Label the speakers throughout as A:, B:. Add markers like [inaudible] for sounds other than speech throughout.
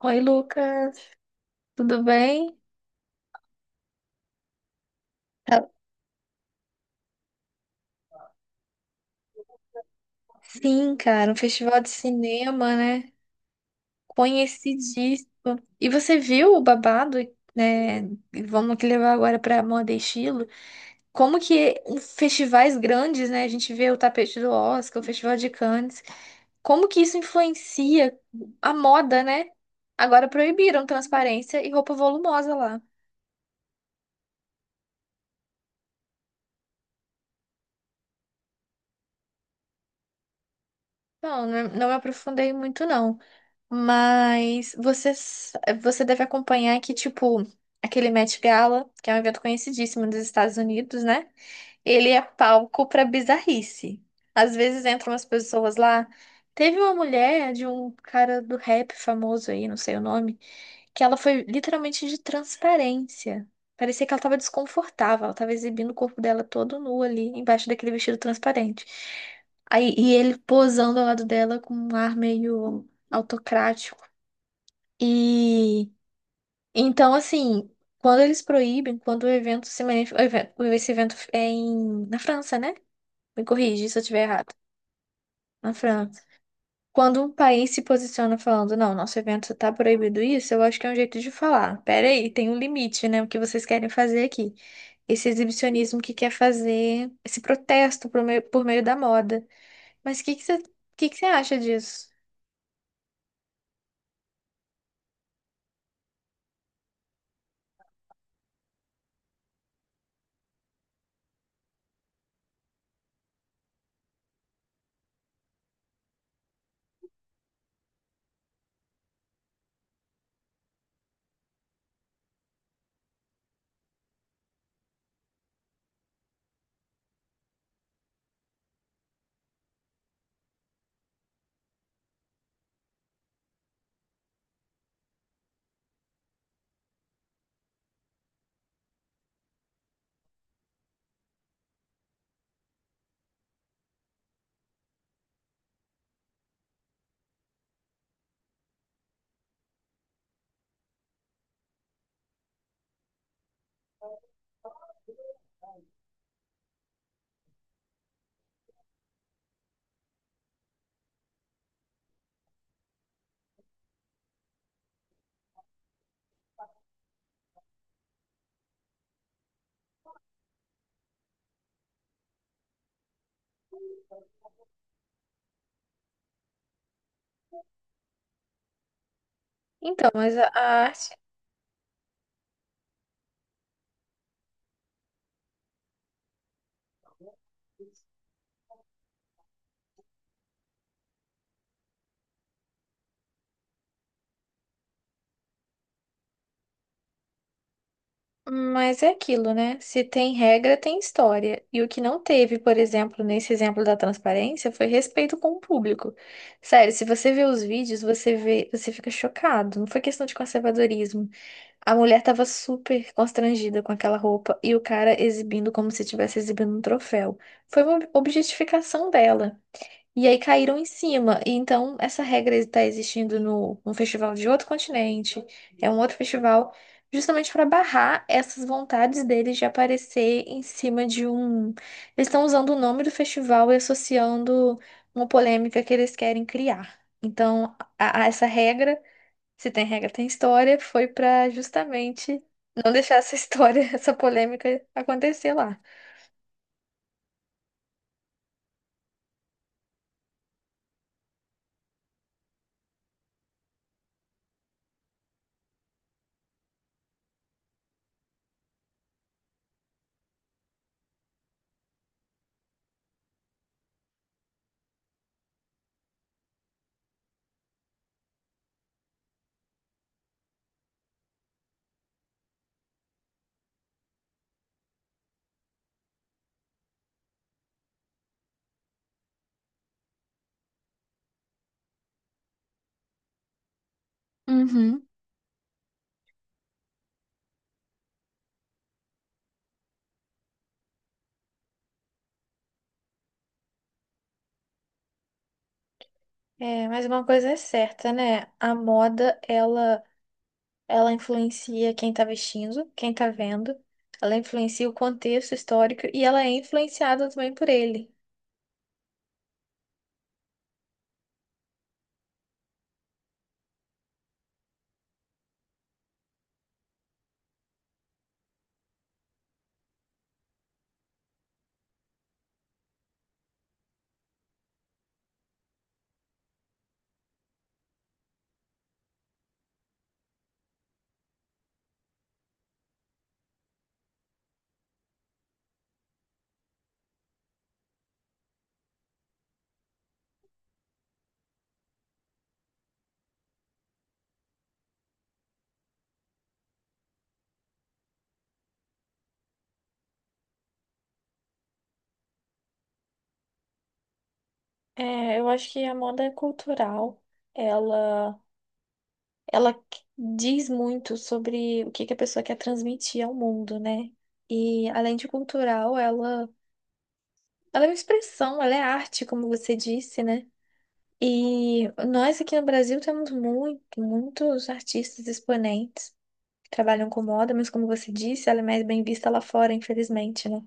A: Oi, Lucas, tudo bem? Tá- Sim, cara, um festival de cinema, né? Conhecidíssimo. E você viu o babado, né? E vamos que levar agora para moda e estilo. Como que em festivais grandes, né? A gente vê o tapete do Oscar, o Festival de Cannes. Como que isso influencia a moda, né? Agora proibiram transparência e roupa volumosa lá. Não, não me aprofundei muito, não. Mas você deve acompanhar que, tipo, aquele Met Gala, que é um evento conhecidíssimo dos Estados Unidos, né? Ele é palco pra bizarrice. Às vezes entram umas pessoas lá. Teve uma mulher de um cara do rap famoso aí, não sei o nome, que ela foi literalmente de transparência. Parecia que ela tava desconfortável, ela tava exibindo o corpo dela todo nu ali, embaixo daquele vestido transparente. Aí, e ele posando ao lado dela com um ar meio autocrático. E então, assim, quando eles proíbem, quando o evento se manif... o evento- esse evento é em... na França, né? Me corrige se eu estiver errado. Na França. Quando um país se posiciona falando, não, nosso evento tá proibido isso, eu acho que é um jeito de falar. Pera aí, tem um limite, né? O que vocês querem fazer aqui? Esse exibicionismo que quer fazer esse protesto por meio da moda. Mas o que que você acha disso? Então, mas a arte... Mas é aquilo, né? Se tem regra, tem história. E o que não teve, por exemplo, nesse exemplo da transparência, foi respeito com o público. Sério, se você vê os vídeos, você vê, você fica chocado. Não foi questão de conservadorismo. A mulher tava super constrangida com aquela roupa e o cara exibindo como se estivesse exibindo um troféu. Foi uma objetificação dela. E aí caíram em cima. E então essa regra está existindo no festival de outro continente, é um outro festival, justamente para barrar essas vontades deles de aparecer em cima de um. Eles estão usando o nome do festival e associando uma polêmica que eles querem criar. Então, a essa regra, se tem regra, tem história, foi para justamente não deixar essa história, [laughs] essa polêmica acontecer lá. Uhum. É, mas uma coisa é certa, né? A moda, ela influencia quem está vestindo, quem está vendo. Ela influencia o contexto histórico e ela é influenciada também por ele. É, eu acho que a moda é cultural. Ela, ela qu- Diz muito sobre o que que a pessoa quer transmitir ao mundo, né? E além de cultural, ela é uma expressão, ela é arte, como você disse, né? E nós aqui no Brasil temos muitos artistas exponentes. Trabalham com moda, mas como você disse, ela é mais bem vista lá fora, infelizmente, né?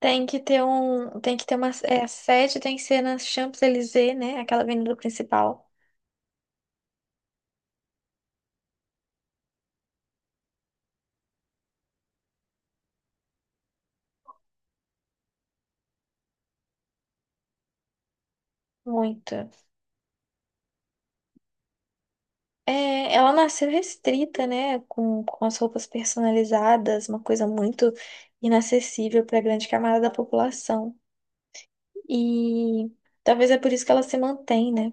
A: Tem que ter um, tem que ter uma, é, A sede tem que ser na Champs-Élysées, né? Aquela avenida principal. Muito. É, ela nasceu restrita, né? Com as roupas personalizadas, uma coisa muito inacessível para a grande camada da população. E talvez é por isso que ela se mantém, né?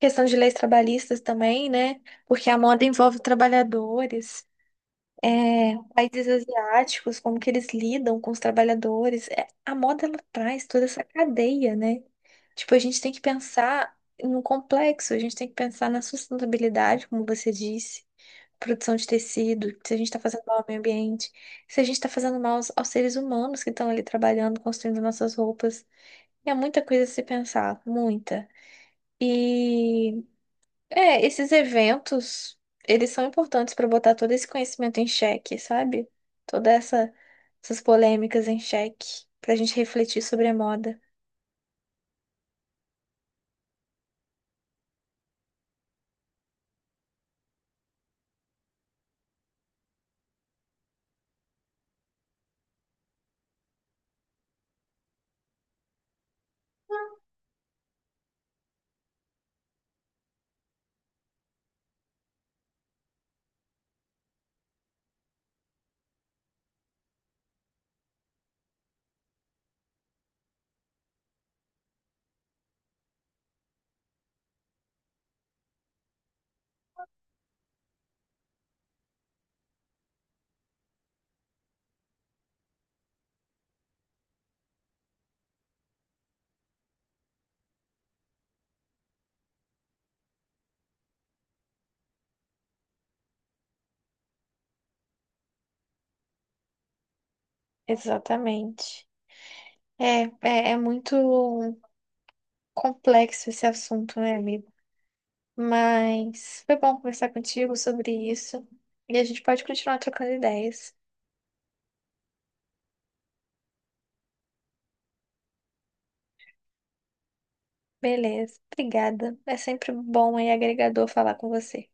A: Questão de leis trabalhistas também, né? Porque a moda envolve trabalhadores. É, países asiáticos, como que eles lidam com os trabalhadores. É, a moda, ela traz toda essa cadeia, né? Tipo, a gente tem que pensar no complexo, a gente tem que pensar na sustentabilidade, como você disse, produção de tecido, se a gente está fazendo mal ao meio ambiente, se a gente está fazendo mal aos, aos seres humanos que estão ali trabalhando, construindo nossas roupas. É muita coisa a se pensar, muita. E é, esses eventos, eles são importantes para botar todo esse conhecimento em xeque, sabe? Toda essa, essas polêmicas em xeque, pra gente refletir sobre a moda. Exatamente. É muito complexo esse assunto, né, amigo? Mas foi bom conversar contigo sobre isso. E a gente pode continuar trocando ideias. Beleza. Obrigada. É sempre bom e agregador falar com você.